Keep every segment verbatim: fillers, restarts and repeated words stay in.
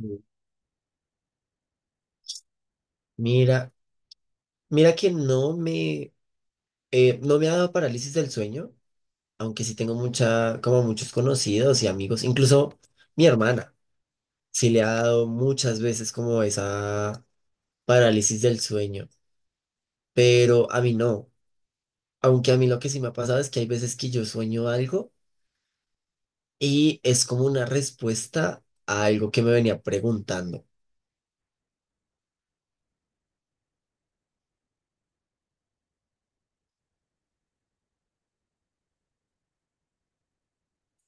Mm. Mira, mira que no me, eh, no me ha dado parálisis del sueño, aunque sí tengo mucha, como muchos conocidos y amigos, incluso mi hermana, sí le ha dado muchas veces como esa parálisis del sueño, pero a mí no, aunque a mí lo que sí me ha pasado es que hay veces que yo sueño algo y es como una respuesta a algo que me venía preguntando.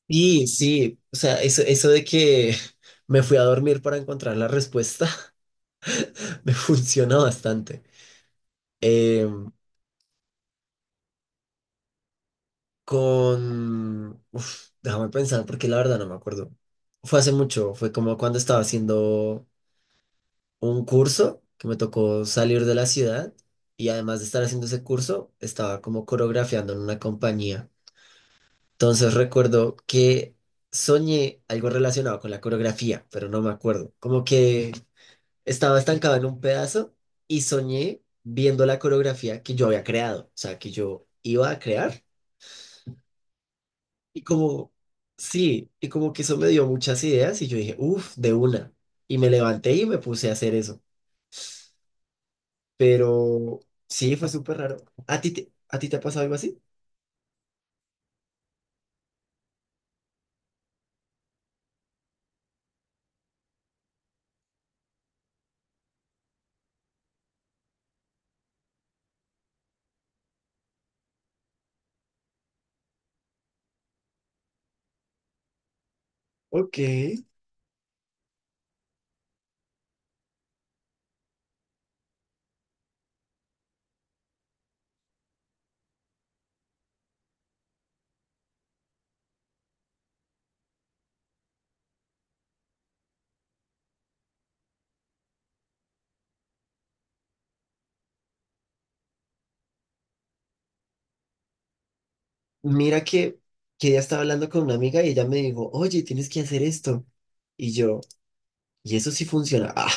Y sí, o sea, eso, eso de que me fui a dormir para encontrar la respuesta me funciona bastante. Eh, con... Uf, déjame pensar, porque la verdad no me acuerdo. Fue hace mucho, fue como cuando estaba haciendo un curso que me tocó salir de la ciudad, y además de estar haciendo ese curso, estaba como coreografiando en una compañía. Entonces recuerdo que soñé algo relacionado con la coreografía, pero no me acuerdo. Como que estaba estancado en un pedazo y soñé viendo la coreografía que yo había creado, o sea, que yo iba a crear. Y como, sí, y como que eso me dio muchas ideas y yo dije, uff, de una. Y me levanté y me puse a hacer eso. Pero sí, fue súper raro. ¿A ti te, a ti te ha pasado algo así? Ok. Mira que, que ya estaba hablando con una amiga y ella me dijo, oye, tienes que hacer esto. Y yo, y eso sí funciona. Ah,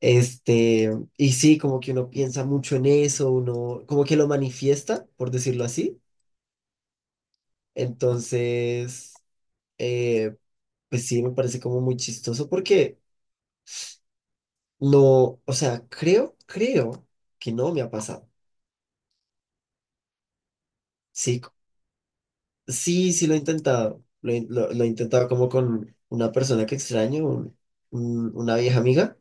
este, y sí, como que uno piensa mucho en eso, uno como que lo manifiesta, por decirlo así. Entonces, eh, pues sí, me parece como muy chistoso porque no, o sea, creo, creo que no me ha pasado. Sí, sí, sí lo he intentado. Lo, he lo- lo he intentado como con una persona que extraño, un- un- una vieja amiga.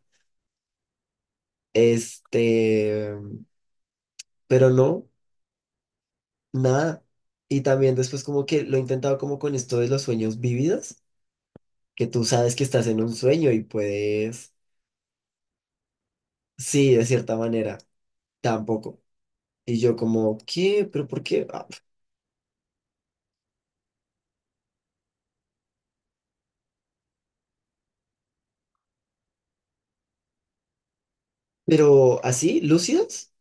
Este, pero no, nada. Y también después como que lo he intentado como con esto de los sueños vividos, que tú sabes que estás en un sueño y puedes, sí, de cierta manera, tampoco. Y yo como, ¿qué? ¿Pero por qué? Ah, pero así, lúcidos.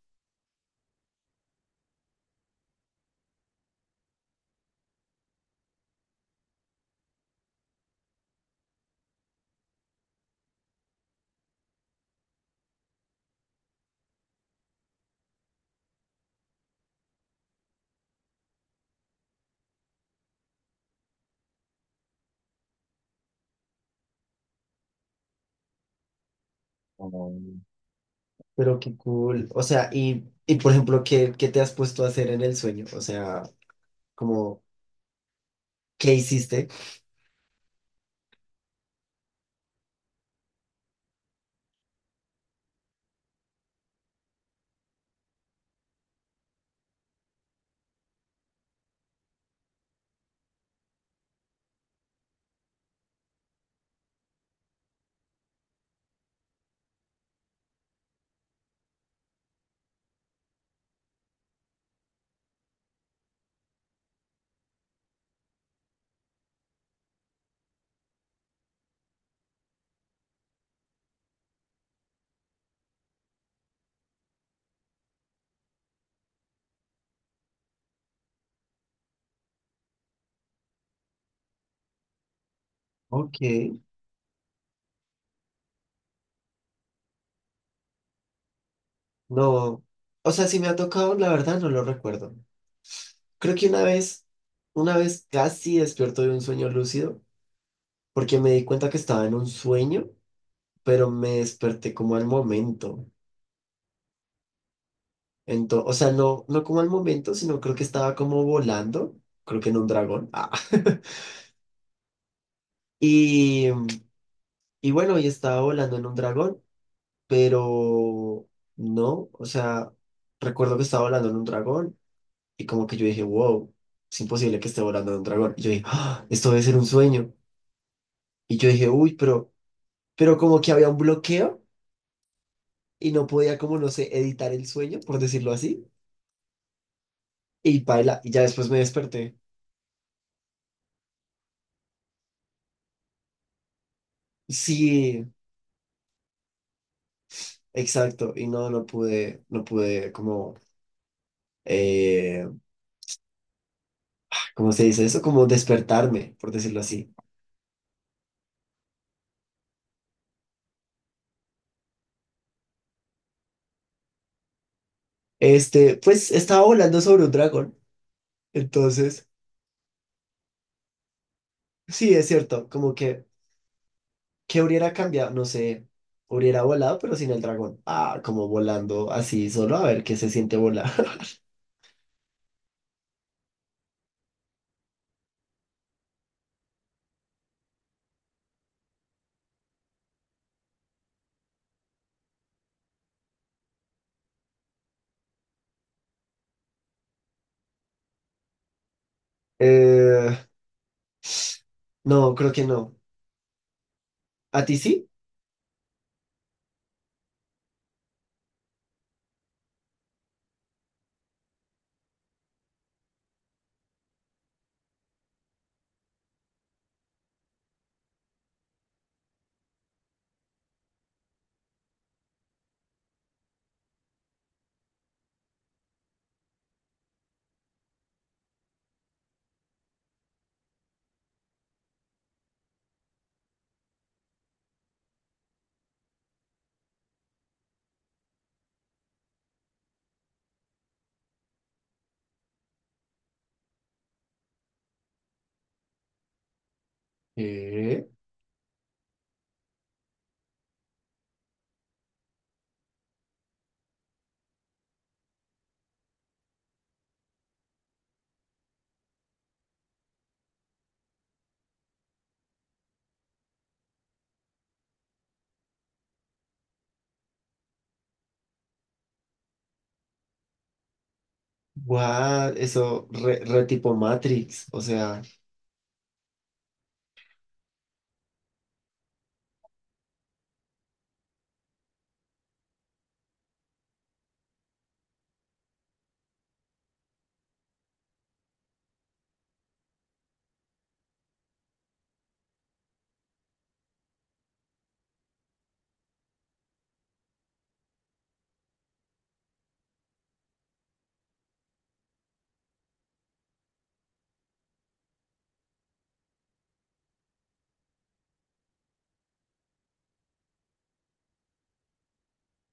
Pero qué cool. O sea, y, y por ejemplo, ¿qué, qué te has puesto a hacer en el sueño? O sea, como, ¿qué hiciste? Ok, no. O sea, si me ha tocado, la verdad no lo recuerdo. Creo que una vez, una vez casi despierto de un sueño lúcido, porque me di cuenta que estaba en un sueño, pero me desperté como al momento. Entonces, o sea, no, no como al momento, sino creo que estaba como volando, creo que en un dragón. Ah. Y, y bueno, y estaba volando en un dragón, pero no, o sea, recuerdo que estaba volando en un dragón y como que yo dije, wow, es imposible que esté volando en un dragón. Y yo dije, "Ah, esto debe ser un sueño". Y yo dije, uy, pero, pero como que había un bloqueo y no podía como, no sé, editar el sueño, por decirlo así. Y paila, y ya después me desperté. Sí, exacto, y no, no pude, no pude como, eh, ¿cómo se dice eso? Como despertarme, por decirlo así. Este, pues estaba volando sobre un dragón, entonces... Sí, es cierto, como que, ¿qué hubiera cambiado? No sé, hubiera volado, pero sin el dragón. Ah, como volando así, solo a ver qué se siente volar. Eh, no, creo que no. ¿A ti sí? Qué what? Eso, re, re tipo Matrix, o sea,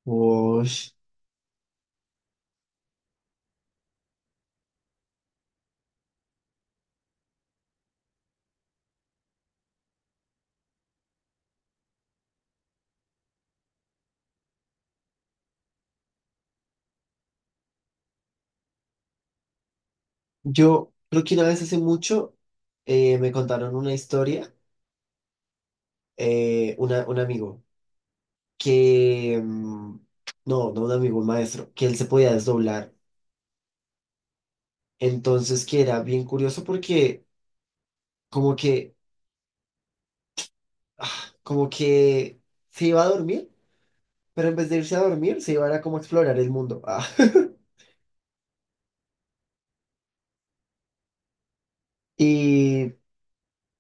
wosh. Yo creo que una vez hace mucho eh, me contaron una historia, eh, una, un amigo, que, mm, no, no un amigo, un maestro, que él se podía desdoblar. Entonces, que era bien curioso porque como que, ah, como que se iba a dormir, pero en vez de irse a dormir, se iba a como a explorar el mundo. Ah. Y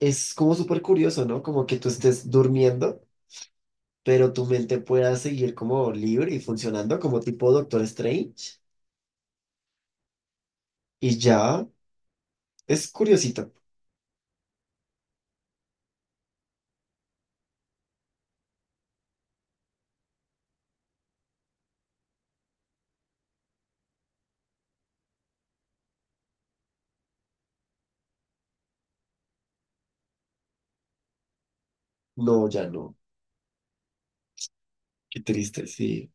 es como súper curioso, ¿no? Como que tú estés durmiendo, pero tu mente pueda seguir como libre y funcionando como tipo Doctor Strange. Y ya, es curiosito. No, ya no. Qué triste, sí.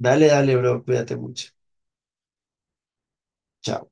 Dale, dale, bro, cuídate mucho. Chao.